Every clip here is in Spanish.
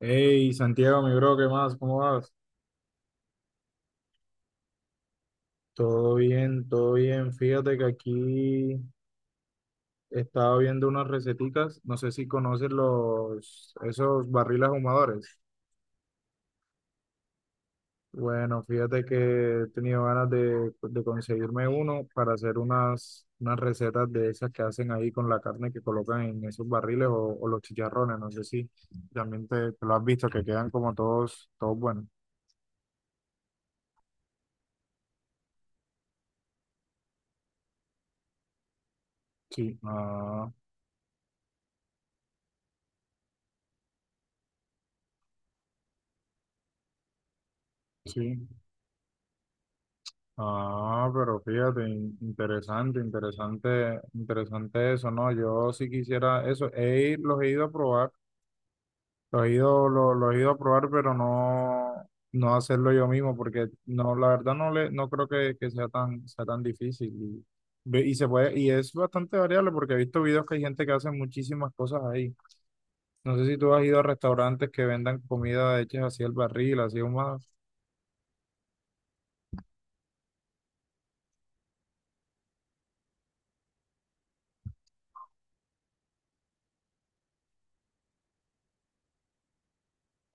Hey, Santiago, mi bro, ¿qué más? ¿Cómo vas? Todo bien, todo bien. Fíjate que aquí estaba viendo unas receticas. No sé si conoces esos barriles ahumadores. Bueno, fíjate que he tenido ganas de conseguirme uno para hacer unas recetas de esas que hacen ahí con la carne que colocan en esos barriles o los chicharrones. No sé si también te lo has visto, que quedan como todos buenos. Sí, ah, sí. Ah, pero fíjate, interesante, interesante, interesante eso, ¿no? Yo sí quisiera eso, los he ido a probar, los he ido, lo- los, he ido a probar, pero no, no hacerlo yo mismo, porque no, la verdad no creo que sea sea tan difícil. Y se puede, y es bastante variable, porque he visto videos que hay gente que hace muchísimas cosas ahí. No sé si tú has ido a restaurantes que vendan comida hechas así al barril, así más.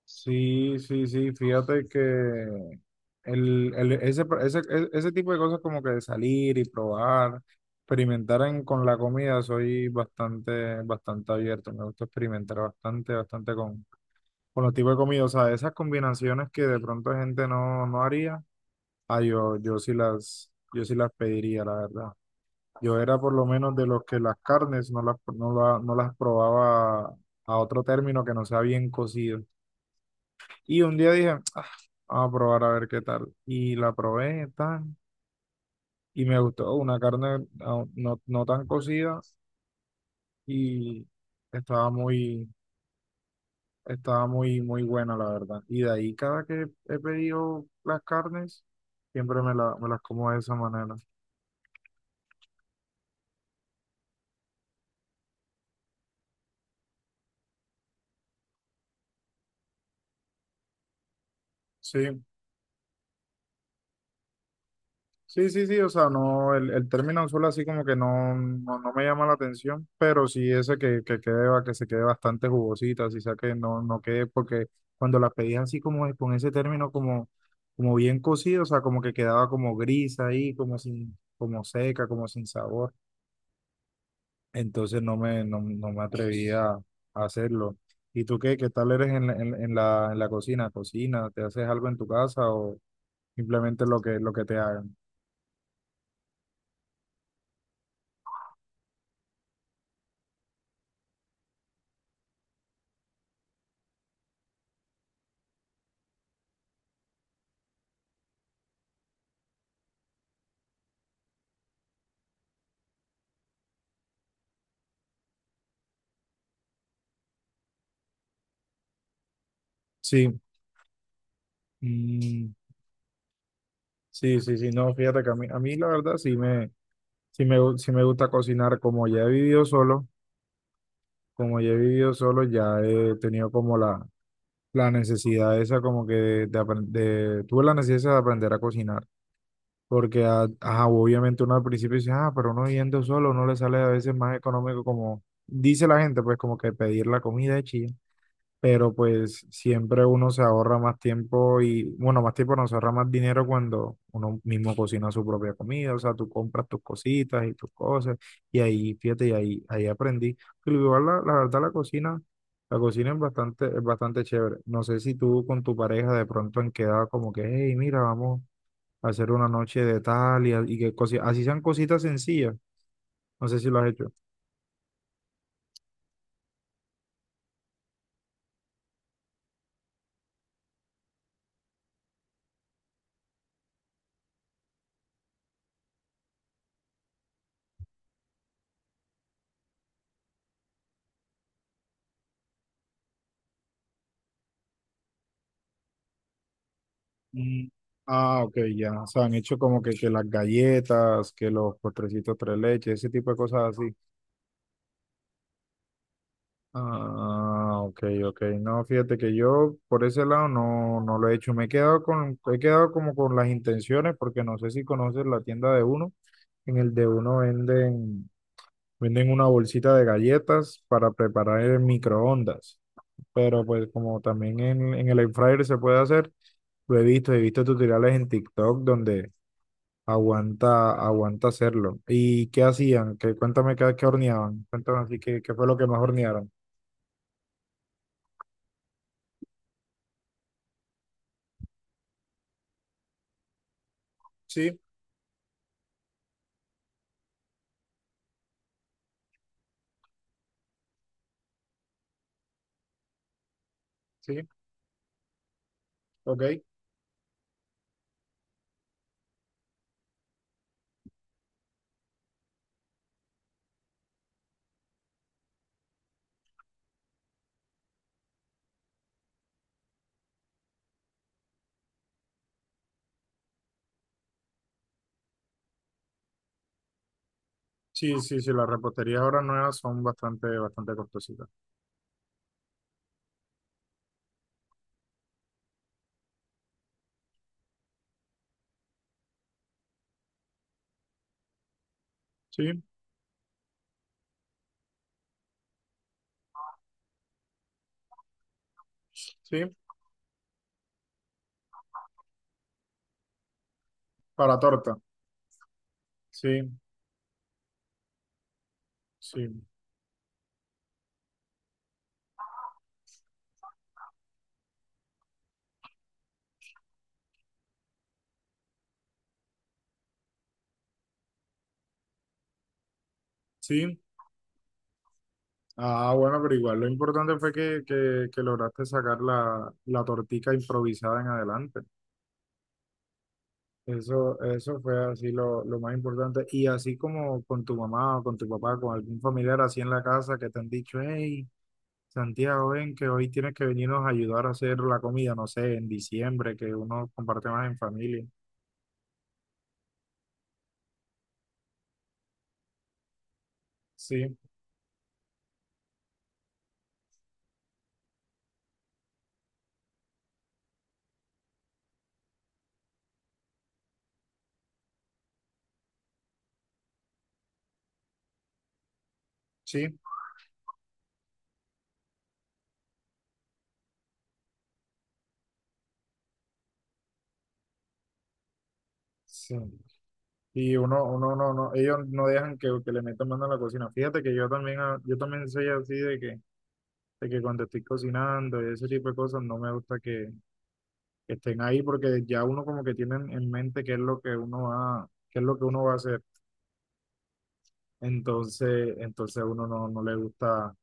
Sí, sí, sí, fíjate que ese tipo de cosas como que de salir y probar, experimentar con la comida, soy bastante, bastante abierto, me gusta experimentar bastante, bastante con los tipos de comida, o sea, esas combinaciones que de pronto gente no haría, ah, yo sí yo sí las pediría, la verdad. Yo era por lo menos de los que las carnes no las probaba a otro término que no sea bien cocido. Y un día dije, "Ah, vamos a probar a ver qué tal. Y la probé, tan, y me gustó. Una carne ah, no, no tan cocida y estaba muy, estaba muy, muy buena, la verdad. Y de ahí, cada que he pedido las carnes, siempre me las como de esa manera. Sí, sí, sí, sí, o sea, no, el término solo así como que no, no, no me llama la atención, pero sí ese que quede, que se quede bastante jugosita, así sea que no, no quede, porque cuando la pedías así con ese término como, como bien cocido, o sea, como que quedaba como gris ahí, como sin, como seca, como sin sabor, entonces no me atrevía a hacerlo. ¿Y tú qué tal eres en la cocina? ¿Cocina? ¿Te haces algo en tu casa o simplemente lo que te hagan? Sí. Mm, sí, sí, sí, no, fíjate que a mí la verdad sí me, sí me gusta cocinar, como ya he vivido solo, como ya he vivido solo, ya he tenido como la necesidad esa como que tuve la necesidad de aprender a cocinar, porque ajá, obviamente uno al principio dice, ah, pero uno yendo solo, no le sale a veces más económico como dice la gente, pues como que pedir la comida de pero pues siempre uno se ahorra más tiempo y, bueno, más tiempo no se ahorra más dinero cuando uno mismo cocina su propia comida, o sea, tú compras tus cositas y tus cosas, y ahí, fíjate, ahí aprendí. Pero igual la verdad la cocina es bastante chévere. No sé si tú con tu pareja de pronto han quedado como que, hey, mira, vamos a hacer una noche de tal y que cosi-, así sean cositas sencillas. No sé si lo has hecho. Mm, ah, ok, ya. O sea, han hecho como que las galletas, que los postrecitos tres leches, ese tipo de cosas así. Ah, ok, ok. No, fíjate que yo por ese lado no, no lo he hecho. Me he quedado con, he quedado como con las intenciones, porque no sé si conoces la tienda de uno. En el de uno venden, venden una bolsita de galletas para preparar en microondas. Pero pues como también en el air fryer se puede hacer, lo he visto tutoriales en TikTok donde aguanta, aguanta hacerlo. ¿Y qué hacían? Que cuéntame qué horneaban. Cuéntame así qué fue lo que más hornearon. Sí, sí, ok. Sí, sí, sí, las reposterías ahora nuevas son bastante, bastante costositas. Sí, sí, para torta. Sí, sí, sí. Ah, bueno, pero igual lo importante fue que lograste sacar la tortica improvisada en adelante. Eso fue así lo más importante. Y así como con tu mamá o con tu papá, con algún familiar así en la casa que te han dicho, hey, Santiago, ven que hoy tienes que venirnos a ayudar a hacer la comida, no sé, en diciembre, que uno comparte más en familia. Sí, sí, sí. Y uno, uno, no, no, ellos no dejan que le metan mano a la cocina. Fíjate que yo también, ah, yo también soy así de que cuando estoy cocinando y ese tipo de cosas, no me gusta que estén ahí porque ya uno como que tiene en mente qué es lo que uno va, qué es lo que uno va a hacer. Entonces, entonces a uno no, no le gusta,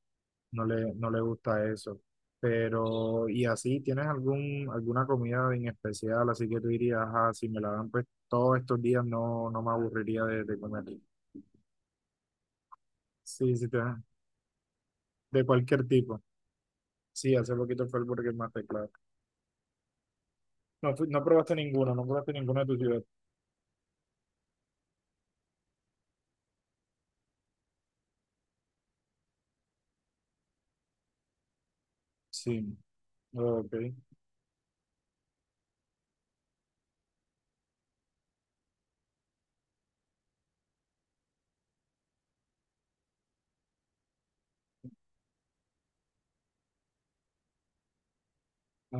no le gusta eso. Pero, y así, ¿tienes algún, alguna comida en especial? Así que tú dirías, ah, si me la dan pues todos estos días no, no me aburriría de comer. Sí, sí, te dan, de cualquier tipo. Sí, hace poquito fue el Burger Master, claro. No, no probaste ninguno, no probaste ninguno de tu ciudad. Sí, ok. Ah,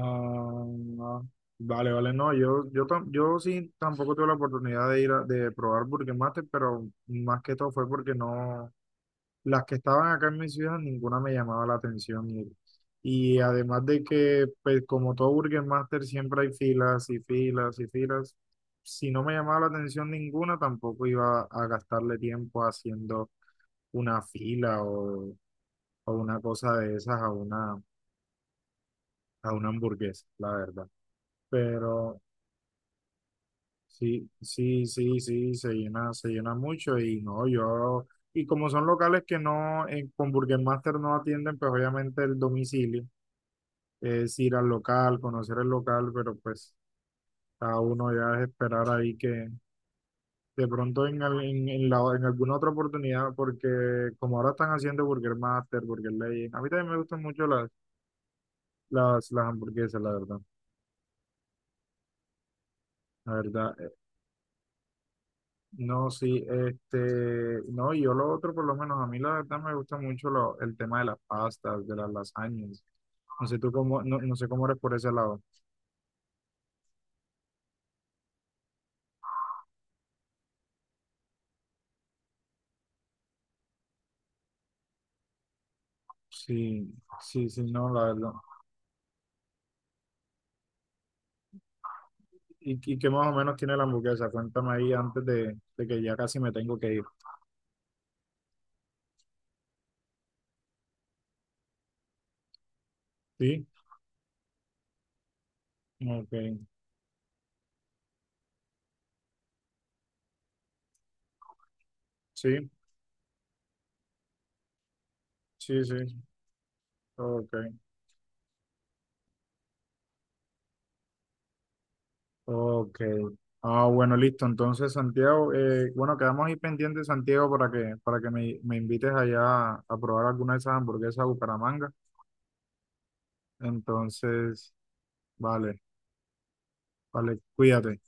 no. Vale, vale, no, yo, yo sí tampoco tuve la oportunidad de ir a, de probar Burger Master, pero más que todo fue porque no, las que estaban acá en mi ciudad, ninguna me llamaba la atención y además de que, pues como todo Burger Master, siempre hay filas y filas y filas, si no me llamaba la atención ninguna, tampoco iba a gastarle tiempo haciendo una fila o una cosa de esas a una hamburguesa, la verdad. Pero sí, sí, sí, sí, se llena mucho y no, yo, y como son locales que no, con Burger Master no atienden, pues obviamente el domicilio, es ir al local, conocer el local, pero pues cada uno ya es esperar ahí que de pronto en, al- en la- en alguna otra oportunidad, porque como ahora están haciendo Burger Master, Burger Legend, a mí también me gustan mucho las, las hamburguesas, la verdad, la verdad. No, sí, este, no, y yo lo otro, por lo menos, a mí la verdad me gusta mucho el tema de las pastas, de las lasañas. No sé tú cómo, no, no sé cómo eres por ese lado. Sí, sí, sí, no, la verdad. Y qué más o menos tiene la hamburguesa? Cuéntame ahí antes de que ya casi me tengo que ir. Sí, ok, sí, sí, sí, ok, ok. Ah, bueno, listo. Entonces, Santiago, bueno, quedamos ahí pendientes, Santiago, para que me invites allá a probar alguna de esas hamburguesas de Bucaramanga. Entonces, vale, vale, cuídate.